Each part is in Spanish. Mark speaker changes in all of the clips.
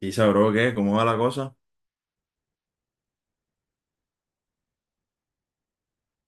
Speaker 1: ¿Y sabró qué? ¿Cómo va la cosa?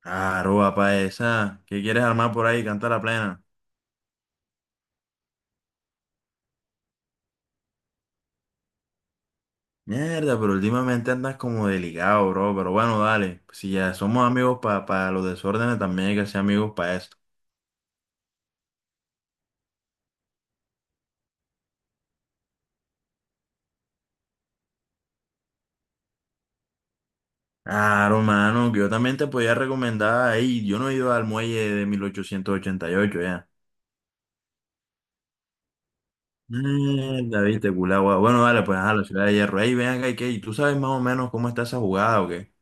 Speaker 1: Claro, papá, esa. ¿Qué quieres armar por ahí? Canta la plena. Mierda, pero últimamente andas como delicado, bro. Pero bueno, dale. Pues si ya somos amigos para los desórdenes, también hay que ser amigos para esto. Claro, mano, que yo también te podía recomendar. Ahí, yo no he ido al muelle de 1888 ya. Mierda, viste, culagua. Bueno, dale, pues a la Ciudad de Hierro. Ahí ven acá, ¿y qué? ¿Y tú sabes más o menos cómo está esa jugada o qué?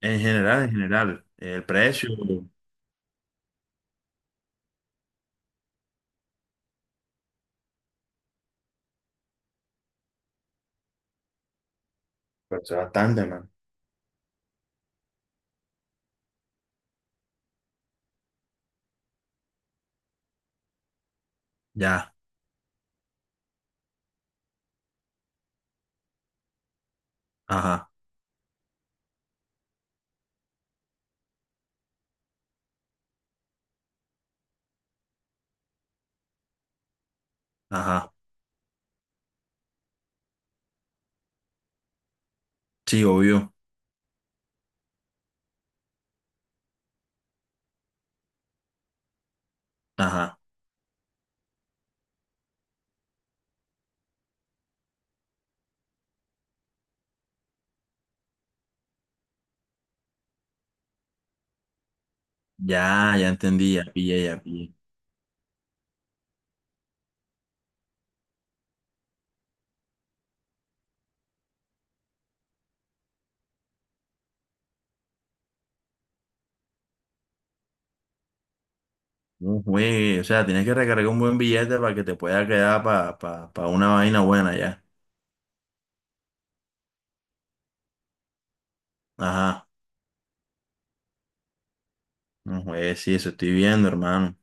Speaker 1: En general, en general. El precio, pues bastante, man. Ya. Ajá, ajá. Sí, obvio. Ajá. Ya, ya entendí, ya pillé, ya pillé. No juegue, o sea, tienes que recargar un buen billete para que te pueda quedar para pa, pa- pa una vaina buena ya. Ajá. No juegue, sí, eso estoy viendo, hermano.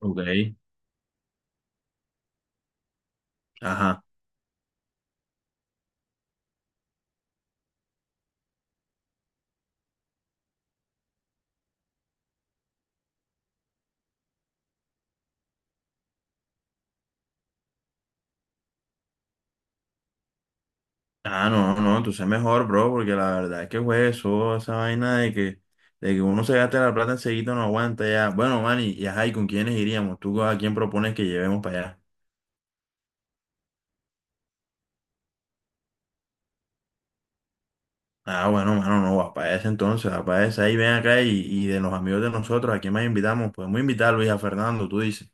Speaker 1: Ok. Ajá. Ah, no, no, tú sé mejor, bro, porque la verdad es que, güey, eso, esa vaina de que, uno se gaste la plata enseguida no aguanta ya. Bueno, Manny, y ajá, ¿y con quiénes iríamos? ¿Tú a quién propones que llevemos para allá? Ah, bueno, mano, no, vas para ese entonces, vas para ese. Ahí ven acá y de los amigos de nosotros, ¿a quién más invitamos? Podemos invitar a Luis, a Fernando, tú dices.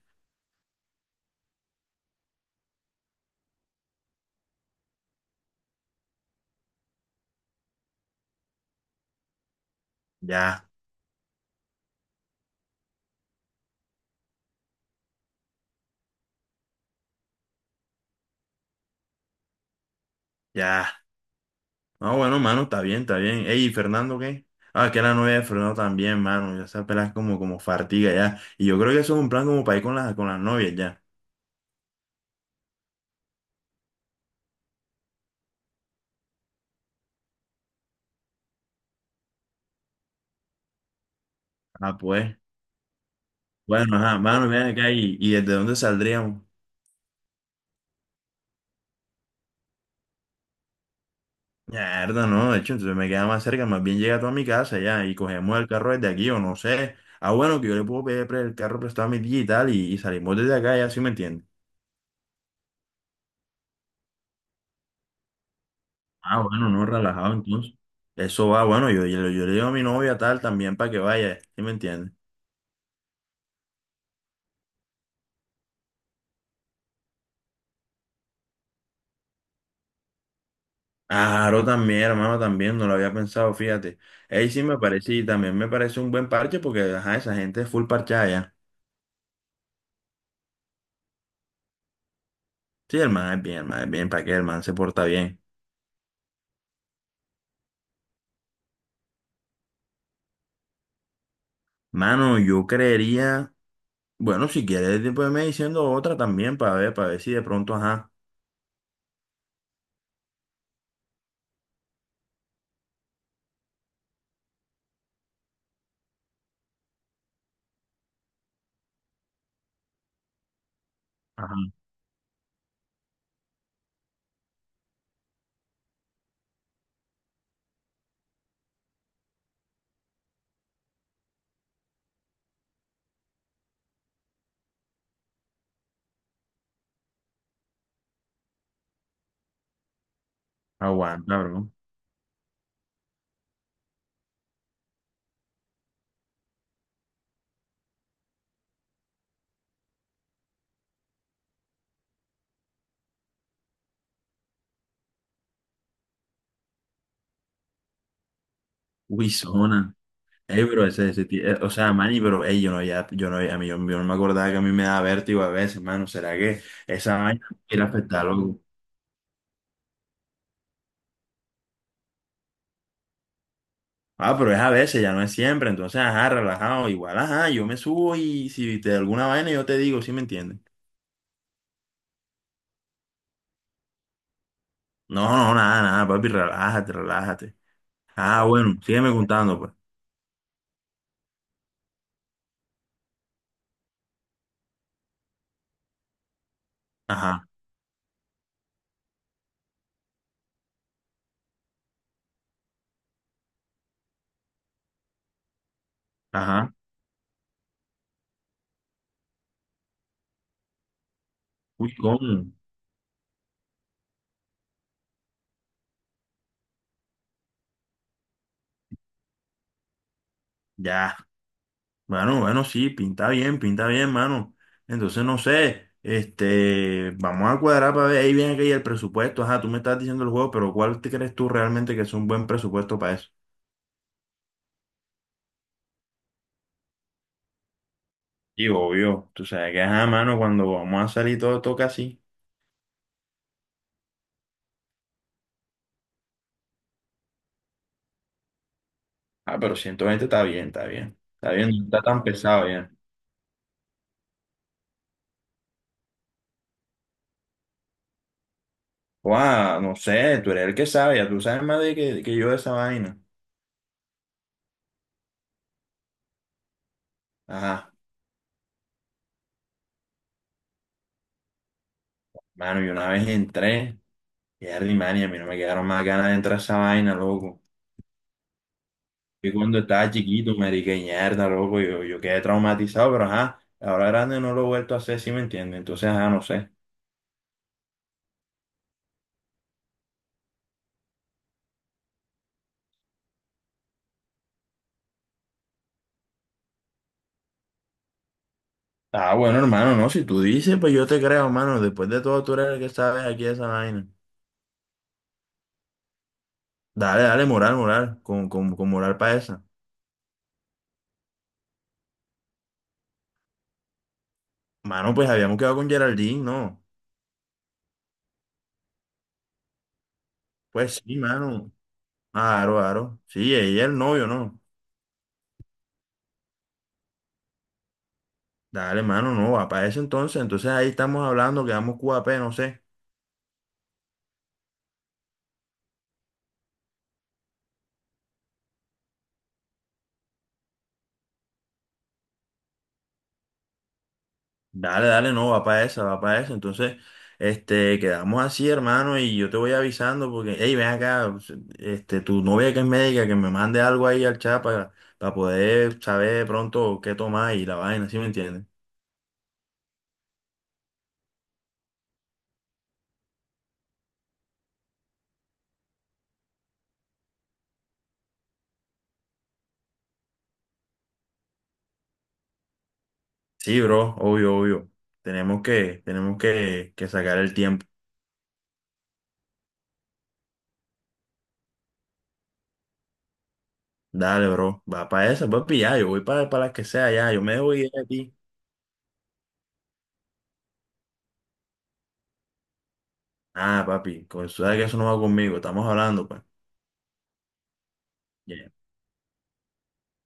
Speaker 1: Ya, ya. Ah, bueno, mano, está bien, está bien. Ey, ¿y Fernando qué? Ah, que la novia de Fernando también, mano. Ya esa pela es como fartiga ya. Y yo creo que eso es un plan como para ir con las novias ya. Ah, pues. Bueno, ajá, mano, ven acá y ¿desde dónde saldríamos? Mierda, no, de hecho, entonces me queda más cerca, más bien llega tú a mi casa ya y cogemos el carro desde aquí o no sé. Ah, bueno, que yo le puedo pedir el carro prestado a mi tía y tal y salimos desde acá, ya sí me entiendes. Ah, bueno, no, relajado entonces. Eso va, bueno, yo le digo a mi novia tal también para que vaya, ¿sí me entiendes? Claro, también, hermano, también, no lo había pensado, fíjate. Ahí sí me parece y también me parece un buen parche porque, ajá, esa gente es full parchada ya. Sí, el man es bien, el man es bien, para que el man se porta bien. Mano, yo creería. Bueno, si quieres, pues me diciendo otra también para ver, si de pronto, ajá, ajá, aguanta, bro. Uy, zona. Ey, bro, o sea, mani, pero, ey, yo no, ya, yo no, a mí, yo no me acordaba que a mí me da vértigo a veces, mano, ¿será que esa vaina me quiere afectar algo? Ah, pero es a veces, ya no es siempre, entonces, ajá, relajado, igual, ajá, yo me subo y si te da alguna vaina yo te digo, ¿sí me entiendes? No, no, nada, nada, papi, relájate, relájate. Ah, bueno, sígueme contando, pues. Ajá, ajá. Uy, ¿cómo? Ya. Bueno, bueno, sí, pinta bien, mano. Entonces, no sé, este, vamos a cuadrar para ver ahí viene que hay el presupuesto. Ajá, tú me estás diciendo el juego, pero ¿cuál te crees tú realmente que es un buen presupuesto para eso? Y obvio, tú sabes que, ajá, mano, cuando vamos a salir todo toca así. Ah, pero 120 está bien, está bien. Está bien, no está tan pesado ya. Guau, no sé, tú eres el que sabe, ya tú sabes más que yo de esa vaina. Ajá, mano, yo una vez entré, y man, y a mí no me quedaron más ganas de entrar a esa vaina, loco. Y cuando estaba chiquito, marica, y mierda, loco, yo quedé traumatizado, pero ajá, ahora grande no lo he vuelto a hacer, ¿si me entiendes? Entonces, ajá, no sé. Ah, bueno, hermano, no, si tú dices, pues yo te creo, hermano, después de todo tú eres el que sabes aquí de esa vaina. Dale, dale, moral, moral, con moral para esa. Mano, pues habíamos quedado con Geraldine, ¿no? Pues sí, mano, aro, aro, sí, ella es el novio, ¿no? Dale, mano, no, va para ese entonces ahí estamos hablando, quedamos Q A P no sé. Dale, dale, no, va para esa, va para esa. Entonces, este, quedamos así, hermano, y yo te voy avisando porque, hey, ven acá, este, tu novia que es médica, que me mande algo ahí al chat para poder saber de pronto qué tomar y la vaina, ¿sí me entiendes? Sí, bro, obvio, obvio. Tenemos que sacar el tiempo. Dale, bro, va para esa, papi, ya, yo voy para las que sea, ya, yo me debo ir a ti. Ah, papi, pues, tú sabes que eso no va conmigo, estamos hablando, pues.